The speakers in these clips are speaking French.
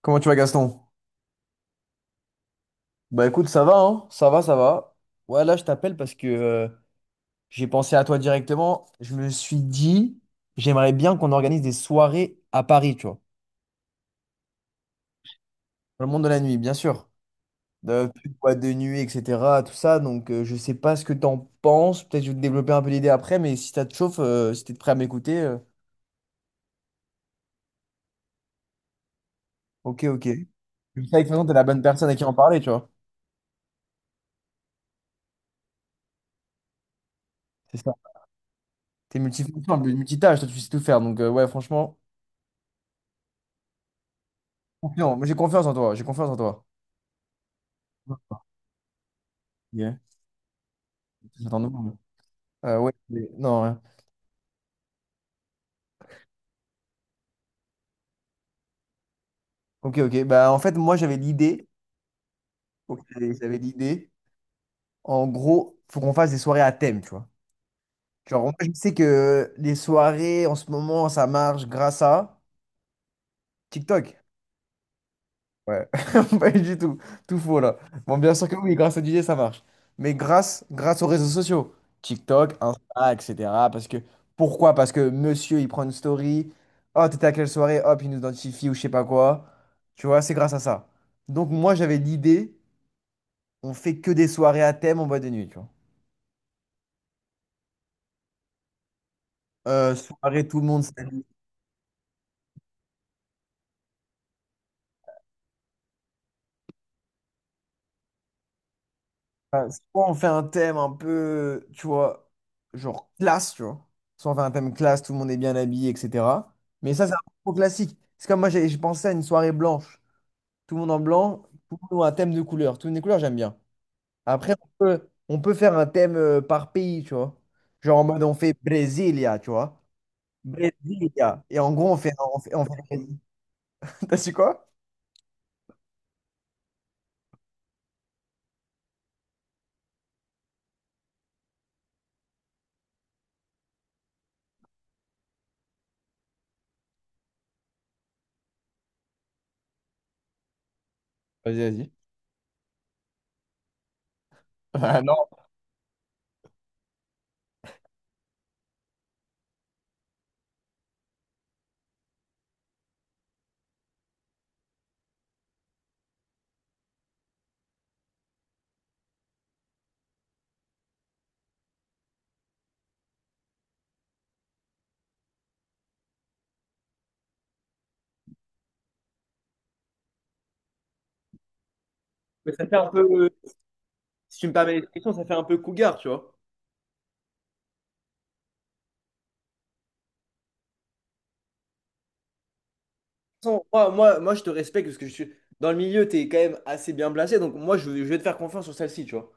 Comment tu vas, Gaston? Bah écoute, ça va, hein? Ça va, ça va. Ouais, là, je t'appelle parce que j'ai pensé à toi directement. Je me suis dit, j'aimerais bien qu'on organise des soirées à Paris, tu vois. Dans le monde de la nuit, bien sûr. De plus de boîtes de nuit, etc. Tout ça. Donc, je sais pas ce que t'en penses. Peut-être que je vais te développer un peu l'idée après, mais si ça te chauffe, si t'es prêt à m'écouter, ok, ok. Comme ça, de façon, t'es la bonne personne à qui en parler, tu vois. C'est ça. T'es multifonction, multitâche, toi, tu sais tout faire. Donc, ouais, franchement, confiant. Moi, j'ai confiance en toi. J'ai confiance en toi. Ok. J'attends de voir. Ouais, non, rien. Ok, ok. Bah, en fait, moi, j'avais l'idée. Ok, j'avais l'idée. En gros, faut qu'on fasse des soirées à thème, tu vois. Genre, moi, je sais que les soirées, en ce moment, ça marche grâce à TikTok. Ouais, pas du tout. Tout faux là. Bon, bien sûr que oui, grâce à DJ, ça marche. Mais grâce aux réseaux sociaux, TikTok, Insta, etc. Parce que, pourquoi? Parce que monsieur, il prend une story. Oh, t'étais à quelle soirée? Hop, il nous identifie ou je sais pas quoi. Tu vois, c'est grâce à ça. Donc, moi, j'avais l'idée, on fait que des soirées à thème en boîte de nuit, tu vois. Soirée, tout le monde s'habille. Enfin, soit on fait un thème un peu, tu vois, genre classe, tu vois. Soit on fait un thème classe, tout le monde est bien habillé, etc. Mais ça, c'est un peu classique. C'est comme moi, j'ai pensé à une soirée blanche. Tout le monde en blanc, tout le monde a un thème de couleur. Toutes les couleurs, j'aime bien. Après, on peut faire un thème par pays, tu vois. Genre en mode, on fait Brasilia, tu vois. Brasilia. Et en gros, on fait. On fait, on fait. T'as su quoi? Vas-y, vas-y. Ah non. De toute façon, moi, je te respecte parce que je suis dans le milieu, tu es quand même assez bien placé. Donc, moi, je vais te faire confiance sur celle-ci, tu vois.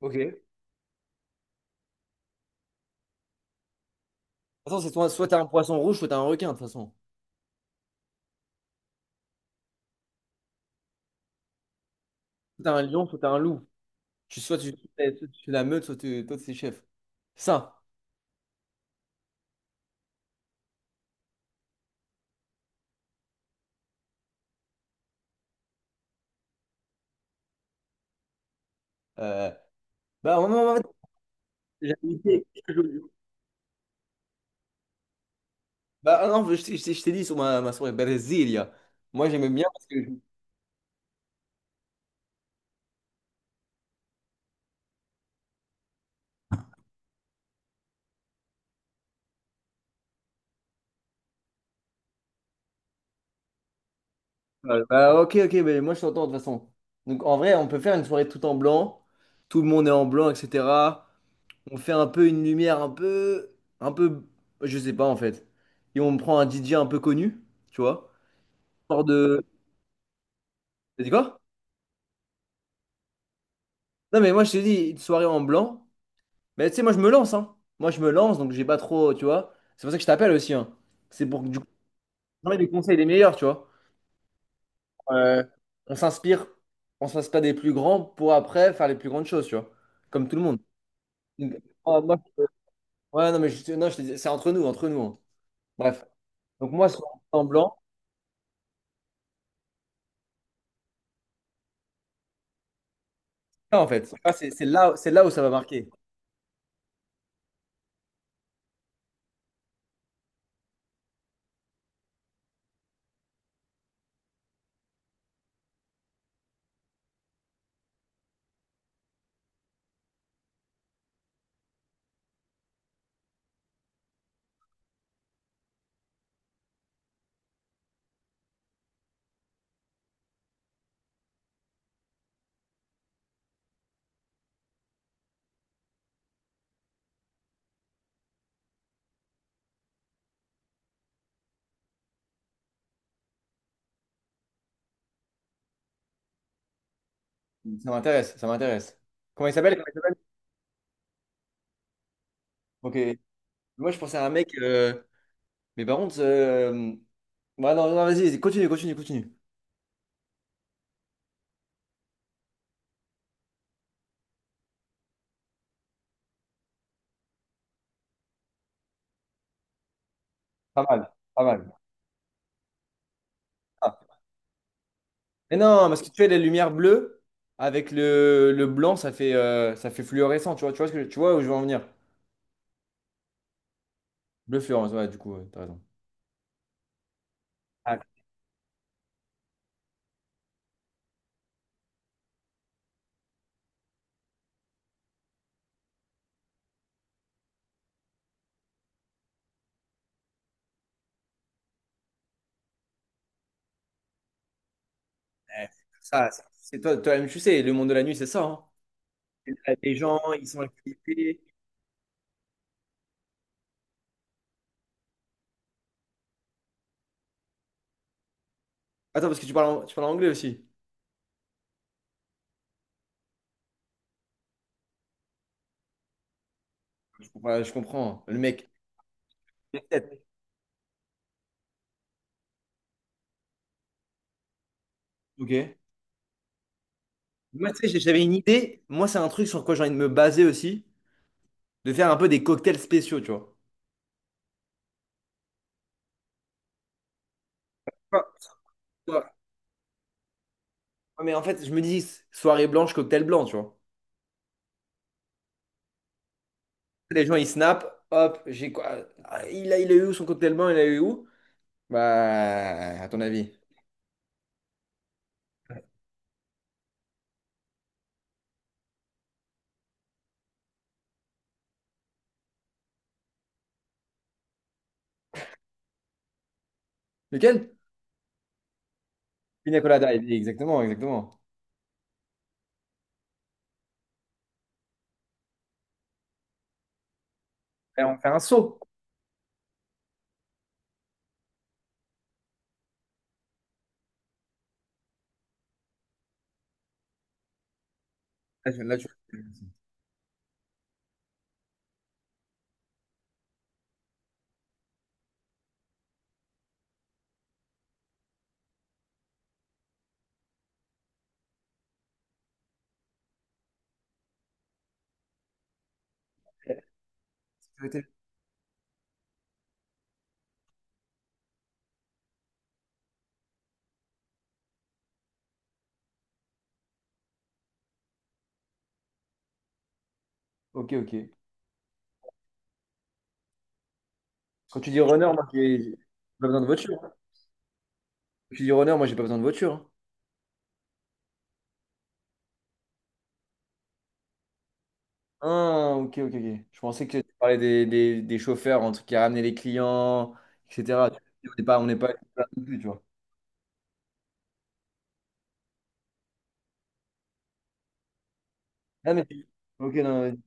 Ok. De toute façon, c'est soit, soit t'es un poisson rouge, soit t'es un requin, de toute façon. Soit t'es un lion, soit t'es un loup. Tu, soit tu, tu, tu la meute, toi, t'es chef. Ça. Euh, bah, J'habitais- bah ah non, je t'ai dit sur ma soirée Brasilia. Moi j'aimais bien parce que. Ah, bah ok, ok, mais moi je t'entends de toute façon. Donc en vrai, on peut faire une soirée tout en blanc. Tout le monde est en blanc, etc. On fait un peu une lumière un peu. Un peu. Je sais pas en fait. Et on prend un DJ un peu connu, tu vois. Hors de. T'as dit quoi? Non mais moi je t'ai dit une soirée en blanc. Mais tu sais, moi je me lance, hein. Moi je me lance donc j'ai pas trop, tu vois. C'est pour ça que je t'appelle aussi, hein. C'est pour que du coup, les conseils les meilleurs, tu vois. euh, on s'inspire, on s'inspire des plus grands pour après faire les plus grandes choses, tu vois. Comme tout le monde. Donc, ah, ouais, non, mais non, je te dis, c'est entre nous, entre nous. Hein. Bref. Donc moi, sur en blanc, ça, en fait, ça, c'est là, c'est là où ça va marquer. Ça m'intéresse, ça m'intéresse. Comment il s'appelle? Comment il s'appelle Ok. Moi, je pensais à un mec, mais par contre, ouais, non, non, vas-y, vas-y, continue, continue, continue. Pas mal, pas mal. Ah. Mais non, parce que tu fais les lumières bleues avec le blanc, ça fait fluorescent, tu vois, tu vois où je veux en venir. Bleu Florence, ouais, du coup, ouais, t'as raison. Ah, ouais, ça, c'est toi, toi-même, tu sais, le monde de la nuit, c'est ça, hein? C'est des gens, ils sont activés. Attends, parce que tu parles, tu parles anglais aussi. Je comprends, je comprends. Hein, le mec. Ok. Moi, tu sais, j'avais une idée. Moi, c'est un truc sur quoi j'ai envie de me baser aussi, de faire un peu des cocktails spéciaux, tu vois. Quoi, quoi, Ouais, mais en fait, je me dis, soirée blanche, cocktail blanc, tu vois. Les gens, ils snap, hop, j'ai quoi? Ah, il a eu où son cocktail blanc, il a eu où? Bah, à ton avis. Lequel? Pina colada, il dit, exactement, exactement. Et on fait un saut. Là, je- là, je- sécurité. Ok, ok. Quand tu dis runner, moi, j'ai pas besoin de voiture. Quand tu dis runner, moi, j'ai pas besoin de voiture. Ah, ok, ok, ok. Je pensais que. Tu parlais des, des chauffeurs, en tout cas, ramener les clients, etc. On n'est pas là non plus, tu vois. Ah, mais, ok, non,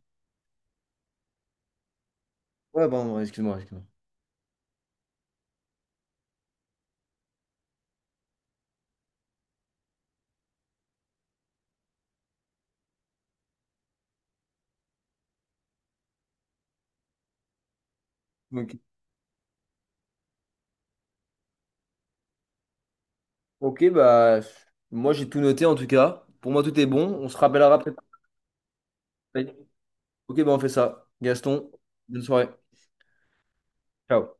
ouais, pardon, excuse-moi, excuse-moi. Ok, ok, bah, moi, j'ai tout noté, en tout cas. Pour moi, tout est bon. On se rappellera après Ok, bah, on fait ça. Gaston, bonne soirée. Ciao.